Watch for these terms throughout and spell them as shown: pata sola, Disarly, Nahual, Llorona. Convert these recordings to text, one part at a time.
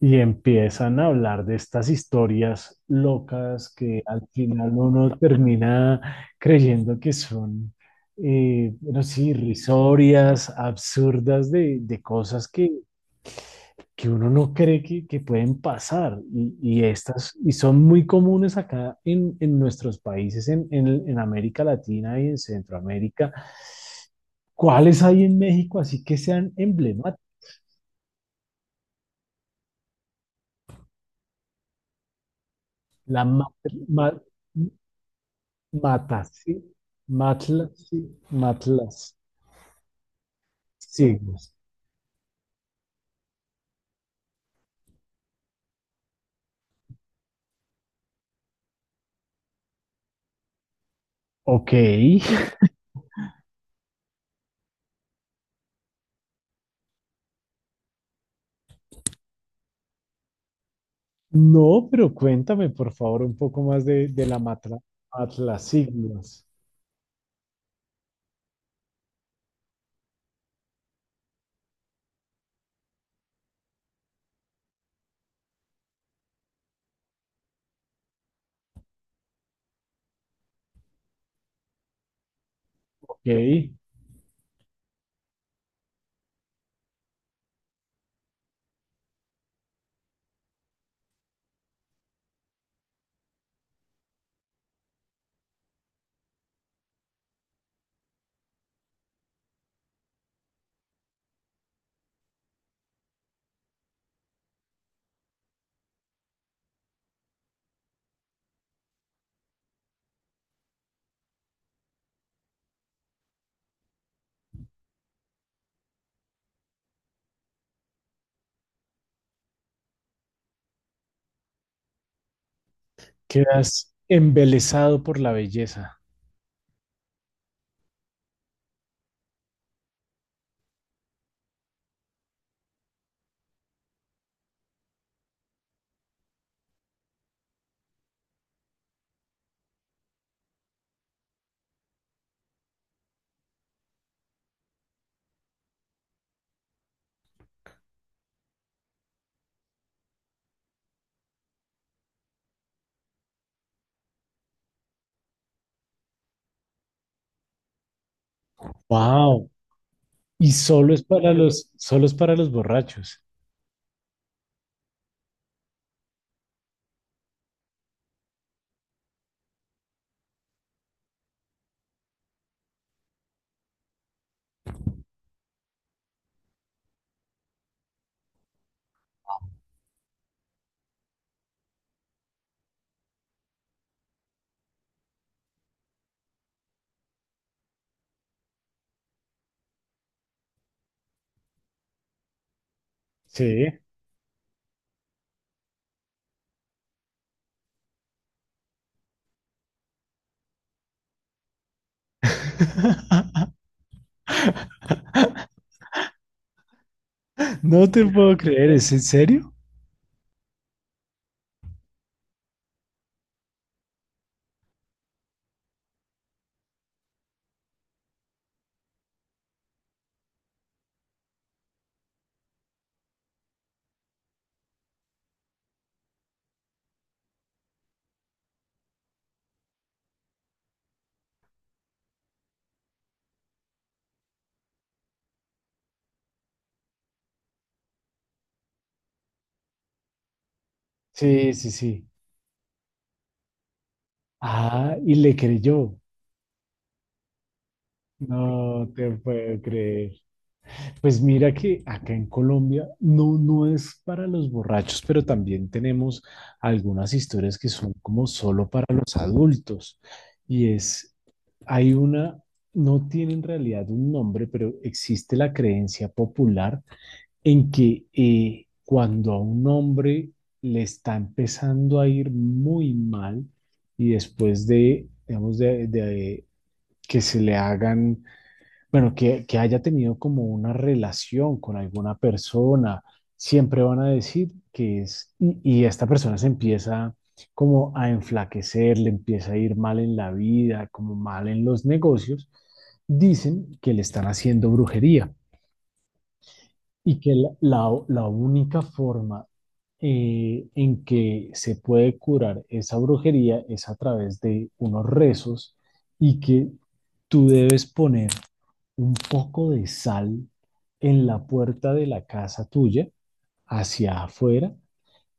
Y empiezan a hablar de estas historias locas que al final uno termina creyendo que son, bueno, sí, irrisorias, absurdas de cosas que uno no cree que pueden pasar. Y estas, y son muy comunes acá en nuestros países, en América Latina y en Centroamérica. ¿Cuáles hay en México así que sean emblemáticas? La ma- ma- Matasí, matlasí, matlas, siglos. Ok. No, pero cuéntame, por favor, un poco más de la matla, matlasiglos. Ok. Quedas embelesado por la belleza. Wow. Y solo es para los, solo es para los borrachos. Sí. No te puedo creer, ¿es en serio? Sí, sí, sí. Ah, y le creyó. No te puedo creer. Pues mira que acá en Colombia no, no es para los borrachos, pero también tenemos algunas historias que son como solo para los adultos. Y es, hay una, no tiene en realidad un nombre, pero existe la creencia popular en que cuando a un hombre le está empezando a ir muy mal y después de, digamos, de que se le hagan bueno, que haya tenido como una relación con alguna persona, siempre van a decir que es, y esta persona se empieza como a enflaquecer, le empieza a ir mal en la vida, como mal en los negocios, dicen que le están haciendo brujería y que la única forma en que se puede curar esa brujería es a través de unos rezos y que tú debes poner un poco de sal en la puerta de la casa tuya hacia afuera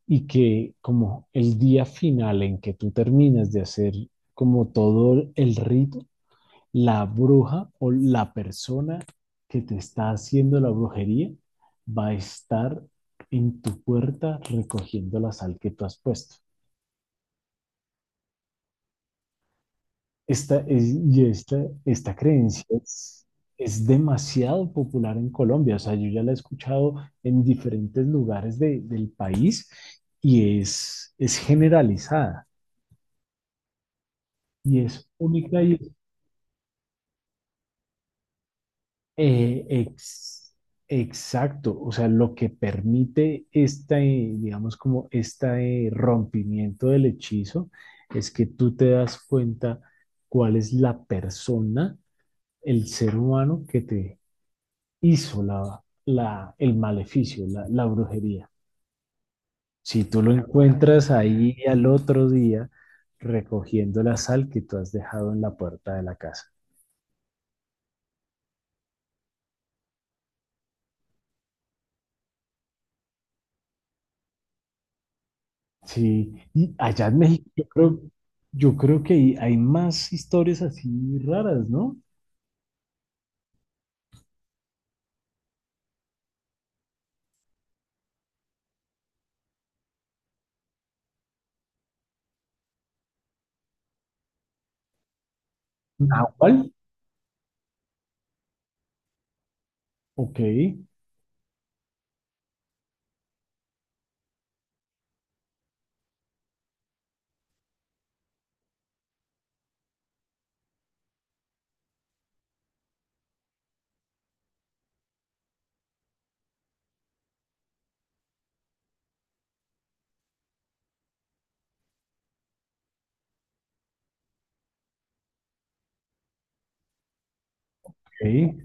y que como el día final en que tú terminas de hacer como todo el rito, la bruja o la persona que te está haciendo la brujería va a estar en tu puerta recogiendo la sal que tú has puesto. Esta, es, y esta, esta creencia es demasiado popular en Colombia, o sea, yo ya la he escuchado en diferentes lugares del país y es generalizada y es única y eh, ex- exacto, o sea, lo que permite este, digamos, como este rompimiento del hechizo es que tú te das cuenta cuál es la persona, el ser humano que te hizo el maleficio, la brujería. Si tú lo encuentras ahí al otro día recogiendo la sal que tú has dejado en la puerta de la casa. Sí, y allá en México yo creo que hay más historias así raras, ¿no? Nahual, ok, ok,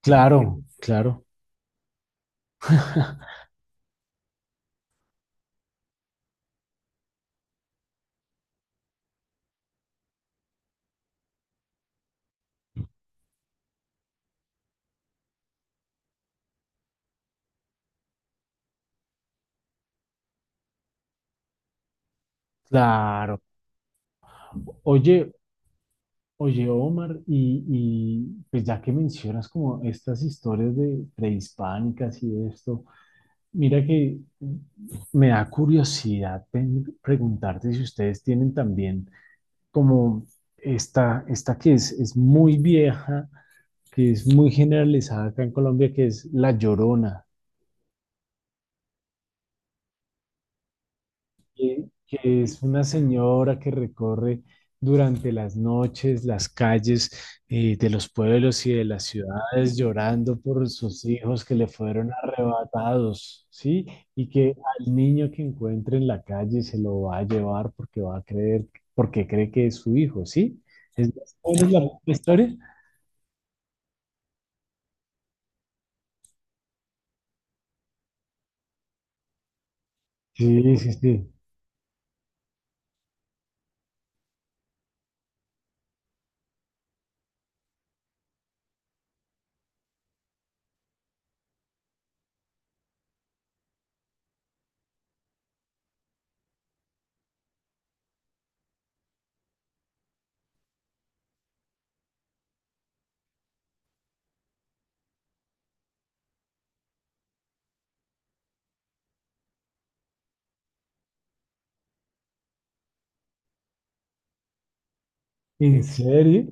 claro, claro, claro. Oye, Oye, Omar, y pues ya que mencionas como estas historias de prehispánicas y esto, mira que me da curiosidad preguntarte si ustedes tienen también como esta que es muy vieja, que es muy generalizada acá en Colombia, que es la Llorona. Que es una señora que recorre durante las noches las calles de los pueblos y de las ciudades llorando por sus hijos que le fueron arrebatados, ¿sí? Y que al niño que encuentre en la calle se lo va a llevar porque va a creer, porque cree que es su hijo, ¿sí? ¿Es más o menos la misma historia? Sí, sí, sí. ¿En serio?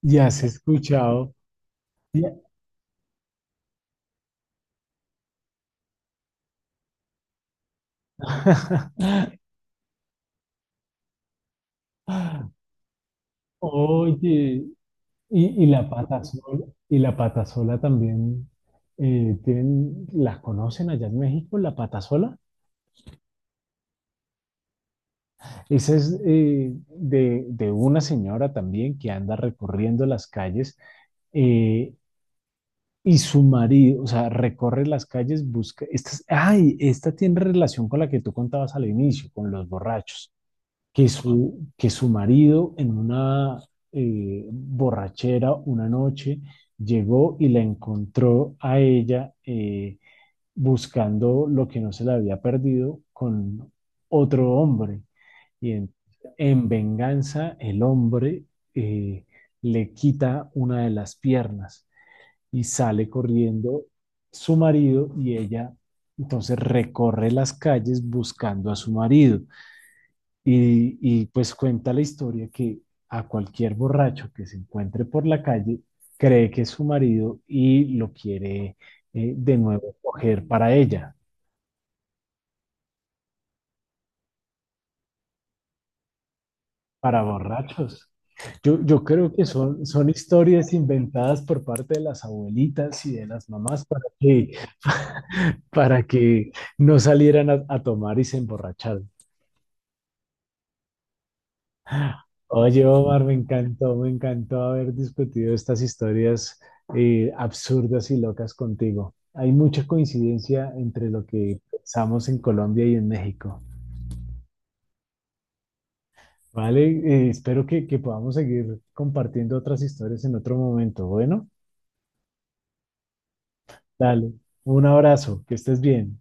¿Ya has escuchado? Ya- oye, y la pata sola, y la pata sola también tienen, las conocen allá en México, la pata sola. Esa es de una señora también que anda recorriendo las calles eh, y su marido, o sea, recorre las calles, busca. Esta, ay, esta tiene relación con la que tú contabas al inicio, con los borrachos. Que su marido en una borrachera una noche llegó y la encontró a ella buscando lo que no se le había perdido con otro hombre. Y en, en venganza el hombre eh, le quita una de las piernas y sale corriendo su marido y ella entonces recorre las calles buscando a su marido y pues cuenta la historia que a cualquier borracho que se encuentre por la calle cree que es su marido y lo quiere de nuevo coger para ella, para borrachos. Yo creo que son, son historias inventadas por parte de las abuelitas y de las mamás para que, para que no salieran a tomar y se emborracharan. Oye, Omar, me encantó haber discutido estas historias absurdas y locas contigo. Hay mucha coincidencia entre lo que pensamos en Colombia y en México. Vale, espero que podamos seguir compartiendo otras historias en otro momento. Bueno, dale, un abrazo, que estés bien.